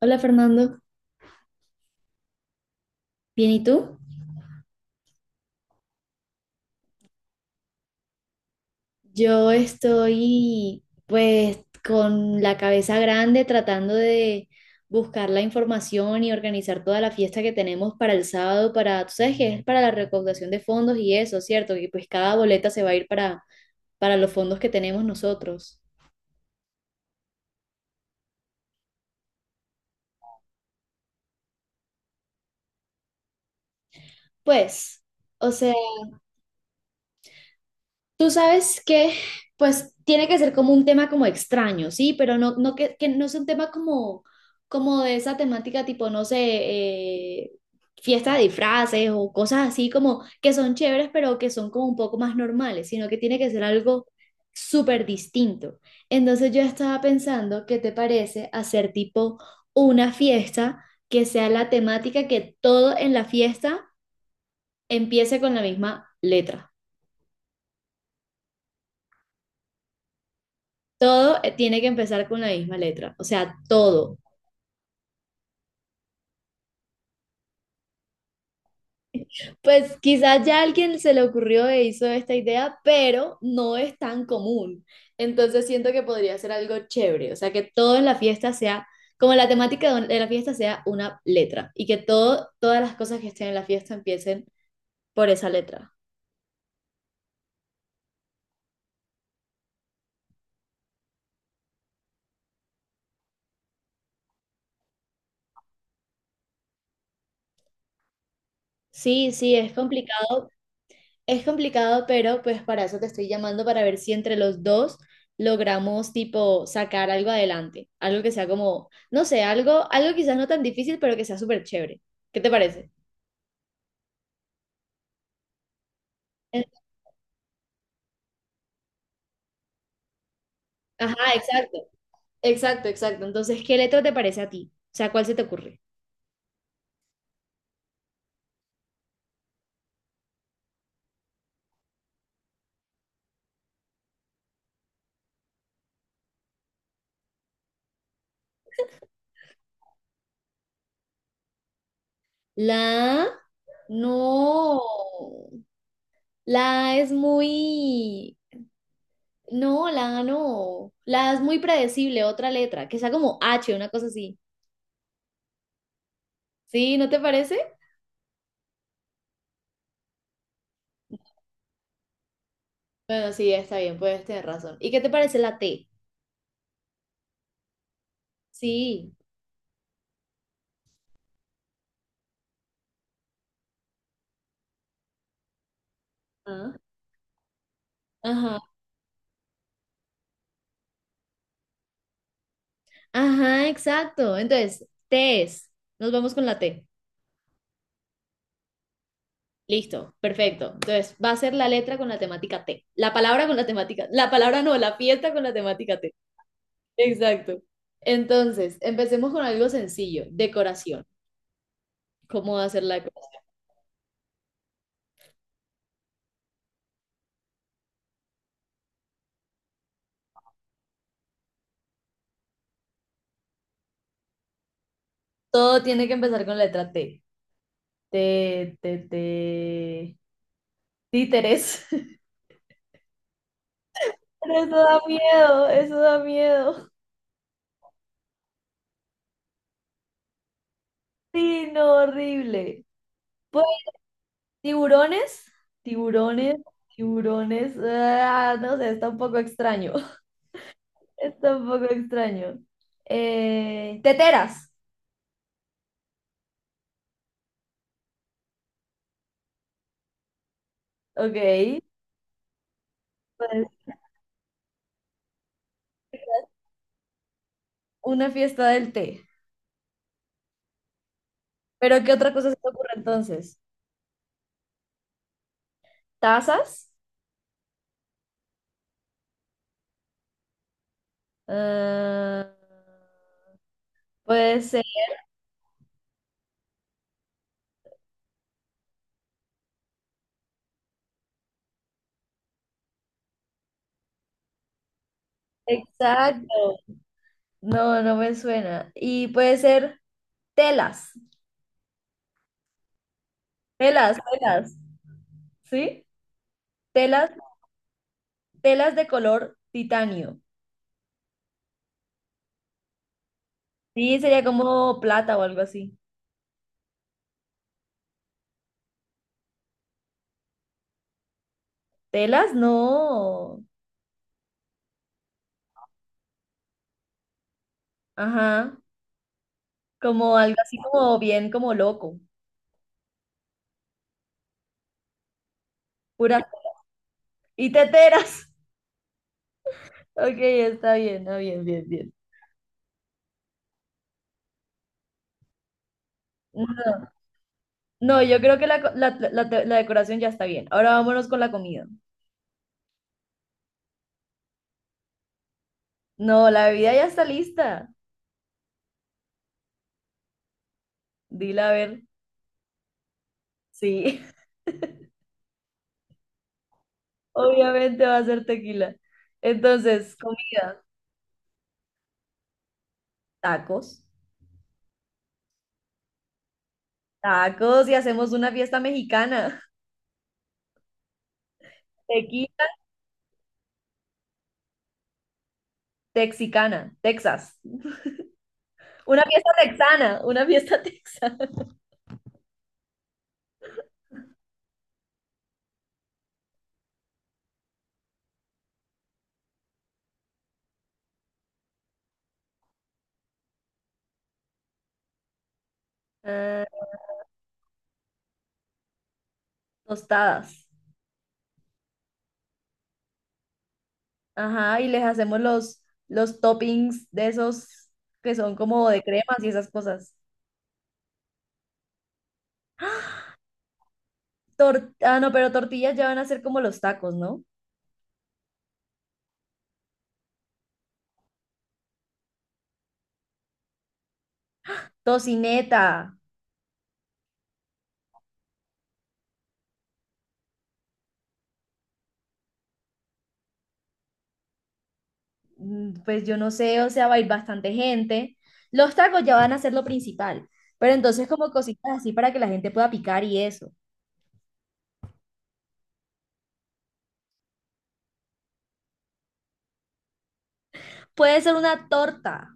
Hola Fernando, ¿bien y tú? Yo estoy pues con la cabeza grande tratando de buscar la información y organizar toda la fiesta que tenemos para el sábado, para, tú sabes que es para la recaudación de fondos y eso, ¿cierto? Que pues cada boleta se va a ir para los fondos que tenemos nosotros. Pues, o sea, tú sabes que, pues, tiene que ser como un tema como extraño, ¿sí? Pero no que, que no sea un tema como, como de esa temática tipo, no sé, fiesta de disfraces o cosas así como que son chéveres, pero que son como un poco más normales, sino que tiene que ser algo súper distinto. Entonces yo estaba pensando, ¿qué te parece hacer tipo una fiesta que sea la temática que todo en la fiesta empiece con la misma letra? Todo tiene que empezar con la misma letra, o sea, todo. Pues quizás ya alguien se le ocurrió e hizo esta idea, pero no es tan común. Entonces siento que podría ser algo chévere, o sea, que todo en la fiesta sea, como la temática de la fiesta sea una letra y que todo, todas las cosas que estén en la fiesta empiecen por esa letra. Sí, sí, es complicado. Es complicado, pero pues para eso te estoy llamando para ver si entre los dos logramos tipo sacar algo adelante, algo que sea como, no sé, algo, algo quizás no tan difícil, pero que sea súper chévere. ¿Qué te parece? En- Ajá, exacto, exacto, exacto. Entonces, ¿qué letra te parece a ti? O sea, ¿cuál se te ocurre? ¿La A? No, la A es muy, no, la A no, la A es muy predecible, otra letra, que sea como H, una cosa así. ¿Sí? ¿No te parece? Bueno, sí, está bien, puedes tener razón. ¿Y qué te parece la T? Sí. Ah. Ajá. Ajá, exacto. Entonces, T es. Nos vamos con la T. Listo, perfecto. Entonces, va a ser la letra con la temática T. La palabra con la temática. La palabra no, la fiesta con la temática T. Exacto. Entonces, empecemos con algo sencillo. Decoración. ¿Cómo va a ser la decoración? Todo tiene que empezar con letra T. T, T, T. Títeres. Pero eso da miedo, eso da miedo. Sí, no, horrible. Pues tiburones, tiburones, tiburones. Ah, no sé, está un poco extraño. Está un poco extraño. Teteras. Ok. Pues una fiesta del té. Pero ¿qué otra cosa se te ocurre entonces? ¿Tazas? Ah, puede ser. Exacto. No, no me suena. Y puede ser telas. Telas, telas. ¿Sí? Telas, telas de color titanio. Sí, sería como plata o algo así. Telas, no. Ajá. Como algo así como bien, como loco. Pura. Y teteras. Ok, está bien, ah, bien, bien, bien. No, yo creo que la, co- la- la te- la decoración ya está bien. Ahora vámonos con la comida. No, la bebida ya está lista. Dila a ver. Sí, obviamente va a ser tequila. Entonces, comida, tacos. Tacos y hacemos una fiesta mexicana. Tequila, texicana, Texas. Una fiesta texana, una fiesta texana. Ah, tostadas. Ajá, y les hacemos los toppings de esos que son como de cremas y esas cosas. No, pero tortillas ya van a ser como los tacos, ¿no? Tocineta, pues yo no sé, o sea, va a ir bastante gente. Los tacos ya van a ser lo principal, pero entonces como cositas así para que la gente pueda picar y eso. Puede ser una torta,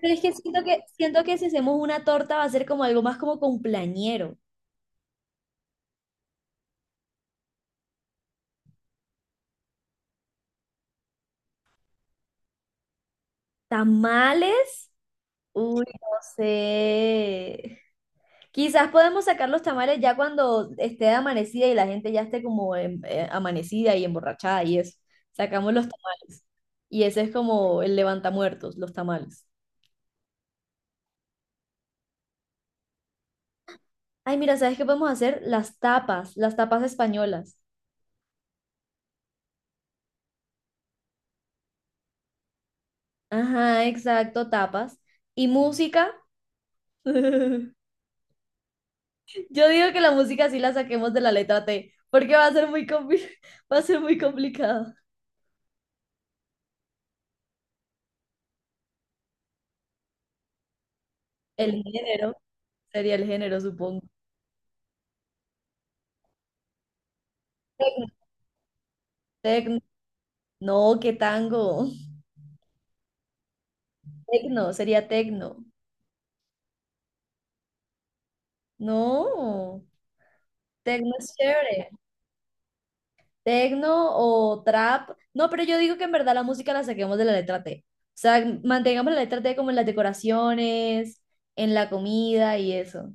pero es que siento que, siento que si hacemos una torta va a ser como algo más como cumpleañero. Tamales, uy, no sé. Quizás podemos sacar los tamales ya cuando esté amanecida y la gente ya esté como amanecida y emborrachada y eso. Sacamos los tamales. Y ese es como el levantamuertos, los tamales. Ay, mira, ¿sabes qué podemos hacer? Las tapas españolas. Ajá, exacto, tapas. Y música. Yo digo que la música sí la saquemos de la letra T, porque va a ser muy va a ser muy complicado. El género. Sería el género, supongo. Tecno, tecno. No, qué tango. Tecno, sería tecno. No, tecno es chévere. Tecno o trap. No, pero yo digo que en verdad la música la saquemos de la letra T. O sea, mantengamos la letra T como en las decoraciones, en la comida y eso.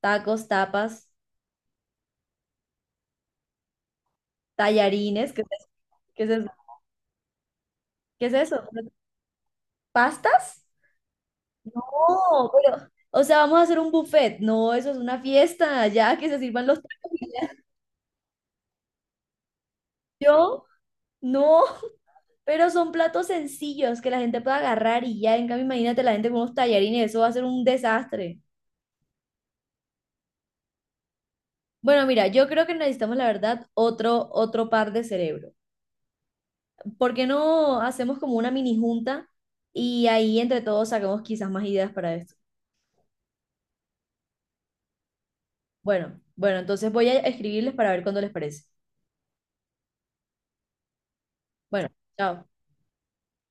Tacos, tapas, tallarines, ¿qué es eso? ¿Qué es eso? ¿Qué es eso? ¿Pastas? No, pero, o sea, vamos a hacer un buffet. No, eso es una fiesta, ya que se sirvan los tacos. Yo no, pero son platos sencillos que la gente puede agarrar y ya, en cambio, imagínate la gente con unos tallarines, eso va a ser un desastre. Bueno, mira, yo creo que necesitamos, la verdad, otro par de cerebro. ¿Por qué no hacemos como una mini junta y ahí entre todos sacamos quizás más ideas para esto? Bueno, bueno, entonces voy a escribirles para ver cuándo les parece. Bueno, chao.